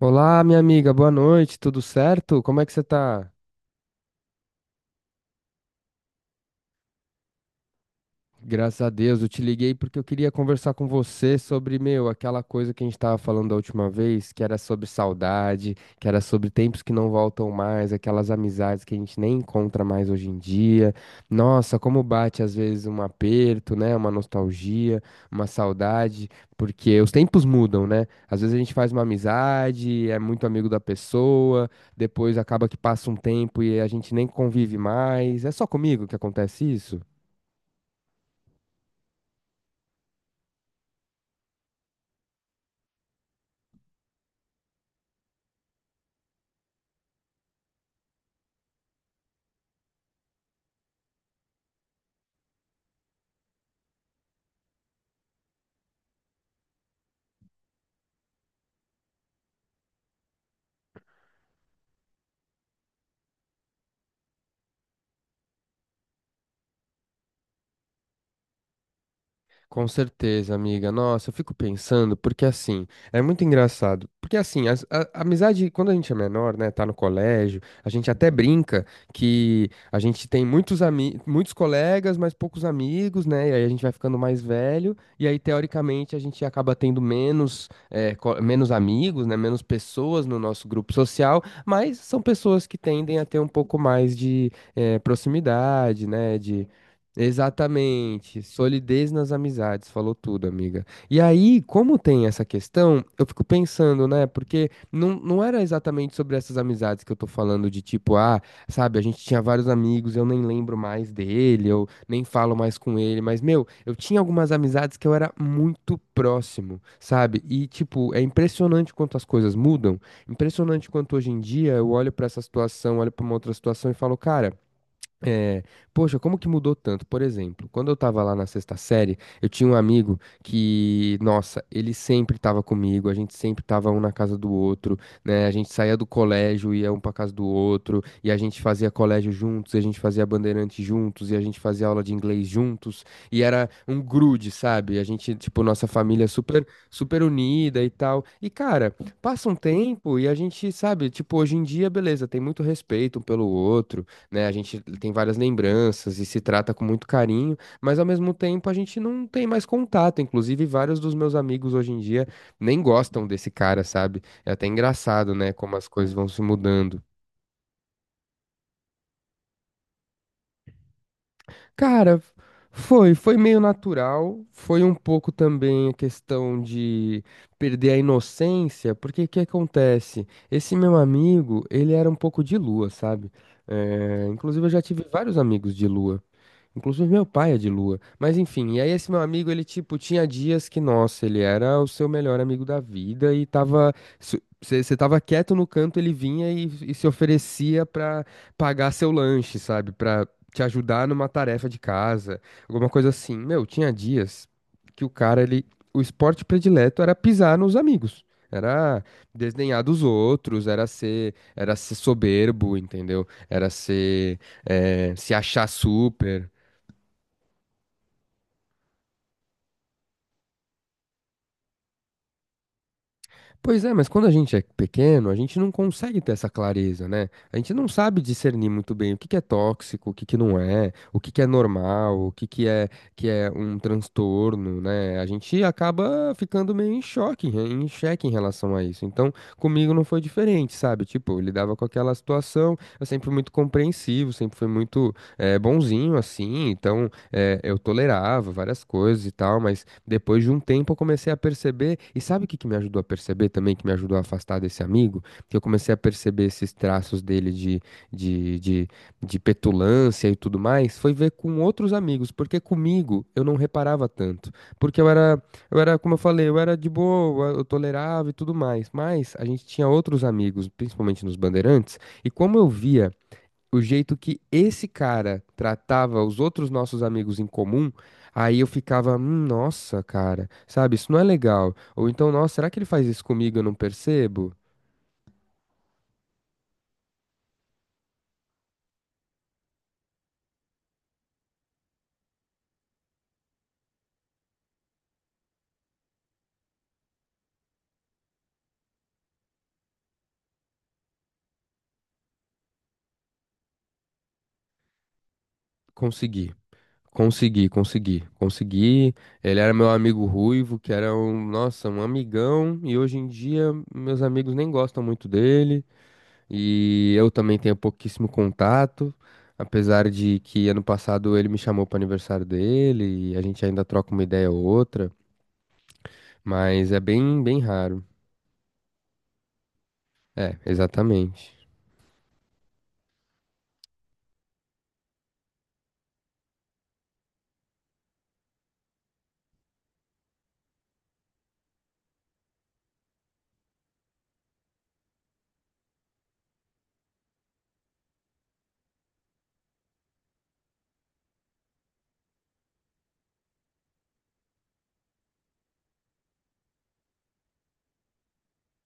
Olá, minha amiga, boa noite, tudo certo? Como é que você tá? Graças a Deus, eu te liguei porque eu queria conversar com você sobre, meu, aquela coisa que a gente tava falando da última vez, que era sobre saudade, que era sobre tempos que não voltam mais, aquelas amizades que a gente nem encontra mais hoje em dia. Nossa, como bate às vezes um aperto, né? Uma nostalgia, uma saudade, porque os tempos mudam, né? Às vezes a gente faz uma amizade, é muito amigo da pessoa, depois acaba que passa um tempo e a gente nem convive mais. É só comigo que acontece isso? Com certeza, amiga. Nossa, eu fico pensando, porque assim, é muito engraçado. Porque assim, a amizade, quando a gente é menor, né, tá no colégio, a gente até brinca que a gente tem muitos amigos muitos colegas, mas poucos amigos, né? E aí a gente vai ficando mais velho, e aí, teoricamente, a gente acaba tendo menos, menos amigos, né? Menos pessoas no nosso grupo social, mas são pessoas que tendem a ter um pouco mais de, proximidade, né? Exatamente, solidez nas amizades, falou tudo, amiga. E aí, como tem essa questão, eu fico pensando, né? Porque não era exatamente sobre essas amizades que eu tô falando, de tipo, ah, sabe, a gente tinha vários amigos, eu nem lembro mais dele, eu nem falo mais com ele, mas, meu, eu tinha algumas amizades que eu era muito próximo, sabe? E, tipo, é impressionante quanto as coisas mudam, impressionante quanto hoje em dia eu olho pra essa situação, olho pra uma outra situação e falo, cara. É, poxa, como que mudou tanto? Por exemplo, quando eu tava lá na sexta série, eu tinha um amigo que, nossa, ele sempre tava comigo, a gente sempre tava um na casa do outro, né? A gente saía do colégio, ia um pra casa do outro, e a gente fazia colégio juntos, e a gente fazia bandeirante juntos, e a gente fazia aula de inglês juntos, e era um grude, sabe? A gente, tipo, nossa família super, super unida e tal. E, cara, passa um tempo e a gente, sabe, tipo, hoje em dia, beleza, tem muito respeito um pelo outro, né? A gente tem várias lembranças e se trata com muito carinho, mas ao mesmo tempo a gente não tem mais contato. Inclusive, vários dos meus amigos hoje em dia nem gostam desse cara, sabe? É até engraçado, né? Como as coisas vão se mudando. Cara, foi meio natural, foi um pouco também a questão de perder a inocência, porque o que acontece? Esse meu amigo, ele era um pouco de lua, sabe? É, inclusive, eu já tive vários amigos de lua. Inclusive meu pai é de lua. Mas enfim, e aí esse meu amigo, ele tipo, tinha dias que, nossa, ele era o seu melhor amigo da vida e tava. Você tava quieto no canto, ele vinha e se oferecia pra pagar seu lanche, sabe? Pra te ajudar numa tarefa de casa, alguma coisa assim. Meu, tinha dias que o cara, ele. O esporte predileto era pisar nos amigos. Era desdenhar dos outros, era ser soberbo, entendeu? Era ser, se achar super. Pois é, mas quando a gente é pequeno, a gente não consegue ter essa clareza, né? A gente não sabe discernir muito bem o que que é tóxico, o que que não é, o que que é normal, o que que é um transtorno, né? A gente acaba ficando meio em choque, em xeque em relação a isso. Então, comigo não foi diferente, sabe? Tipo, eu lidava com aquela situação, eu sempre fui muito compreensivo, sempre fui muito bonzinho assim, então eu tolerava várias coisas e tal, mas depois de um tempo eu comecei a perceber, e sabe o que que me ajudou a perceber também, que me ajudou a afastar desse amigo? Que eu comecei a perceber esses traços dele de, de, de petulância e tudo mais, foi ver com outros amigos, porque comigo eu não reparava tanto, porque eu era, como eu falei, eu era de boa, eu tolerava e tudo mais, mas a gente tinha outros amigos, principalmente nos Bandeirantes, e como eu via o jeito que esse cara tratava os outros nossos amigos em comum, aí eu ficava, nossa, cara, sabe, isso não é legal. Ou então, nossa, será que ele faz isso comigo e eu não percebo? Consegui. Consegui, consegui, consegui. Ele era meu amigo ruivo, que era um, nossa, um amigão, e hoje em dia meus amigos nem gostam muito dele, e eu também tenho pouquíssimo contato, apesar de que ano passado ele me chamou para aniversário dele, e a gente ainda troca uma ideia ou outra. Mas é bem, bem raro. É, exatamente.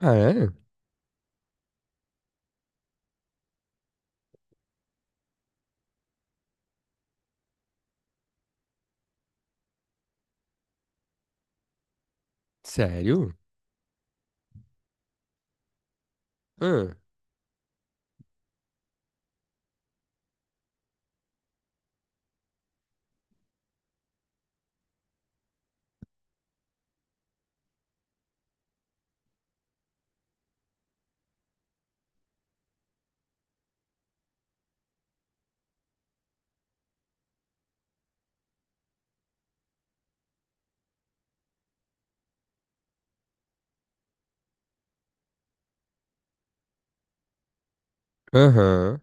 Ah, é? Sério? Ah. Aham.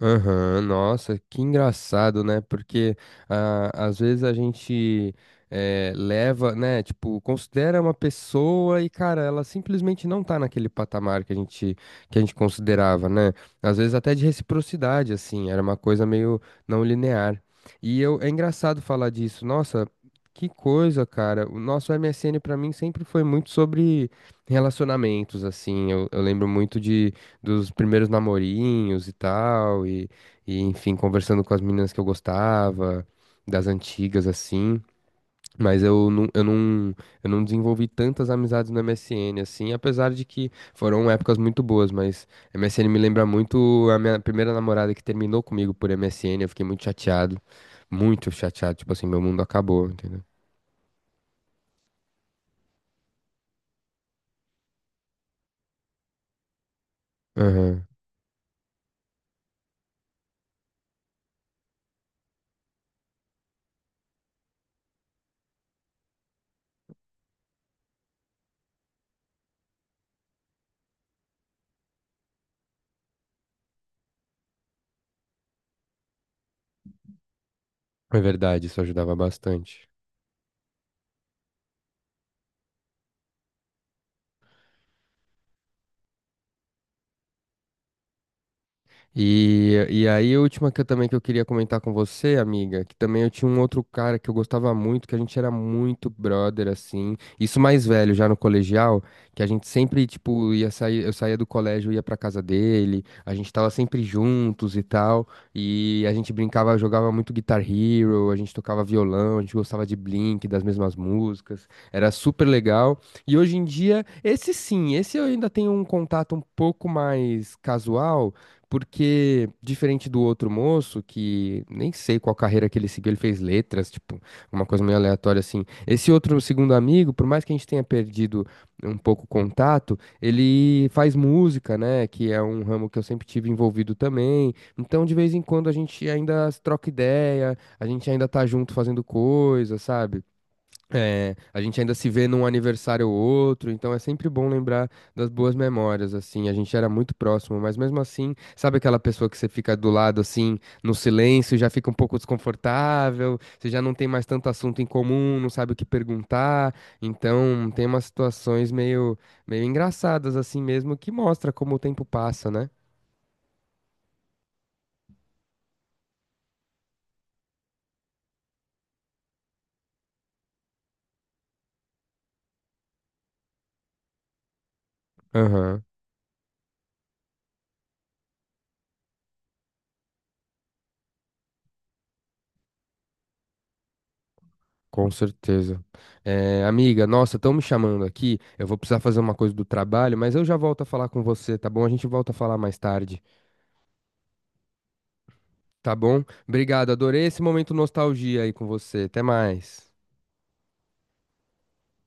Aham, nossa, que engraçado, né? Porque ah, às vezes a gente leva, né? Tipo, considera uma pessoa e, cara, ela simplesmente não tá naquele patamar que a gente considerava, né? Às vezes até de reciprocidade, assim, era uma coisa meio não linear. E eu, é engraçado falar disso, nossa, que coisa, cara. O nosso MSN pra mim sempre foi muito sobre relacionamentos, assim. Eu lembro muito dos primeiros namorinhos e tal, enfim, conversando com as meninas que eu gostava, das antigas assim. Mas eu não desenvolvi tantas amizades no MSN, assim, apesar de que foram épocas muito boas, mas MSN me lembra muito a minha primeira namorada que terminou comigo por MSN, eu fiquei muito chateado, tipo assim, meu mundo acabou, entendeu? Aham. É verdade, isso ajudava bastante. E aí, a última que eu também que eu queria comentar com você, amiga, que também eu tinha um outro cara que eu gostava muito, que a gente era muito brother, assim. Isso mais velho, já no colegial, que a gente sempre, tipo, ia sair, eu saía do colégio, ia pra casa dele, a gente tava sempre juntos e tal. E a gente brincava, jogava muito Guitar Hero, a gente tocava violão, a gente gostava de Blink, das mesmas músicas. Era super legal. E hoje em dia, esse sim, esse eu ainda tenho um contato um pouco mais casual. Porque, diferente do outro moço, que nem sei qual carreira que ele seguiu, ele fez letras, tipo, uma coisa meio aleatória assim. Esse outro segundo amigo, por mais que a gente tenha perdido um pouco o contato, ele faz música, né? Que é um ramo que eu sempre tive envolvido também. Então, de vez em quando, a gente ainda troca ideia, a gente ainda tá junto fazendo coisa, sabe? É, a gente ainda se vê num aniversário ou outro, então é sempre bom lembrar das boas memórias, assim, a gente era muito próximo, mas mesmo assim, sabe aquela pessoa que você fica do lado, assim, no silêncio, já fica um pouco desconfortável, você já não tem mais tanto assunto em comum, não sabe o que perguntar, então tem umas situações meio, meio engraçadas, assim mesmo, que mostra como o tempo passa, né? Aham. Com certeza. Eh, amiga, nossa, estão me chamando aqui. Eu vou precisar fazer uma coisa do trabalho, mas eu já volto a falar com você, tá bom? A gente volta a falar mais tarde, tá bom? Obrigado, adorei esse momento nostalgia aí com você. Até mais.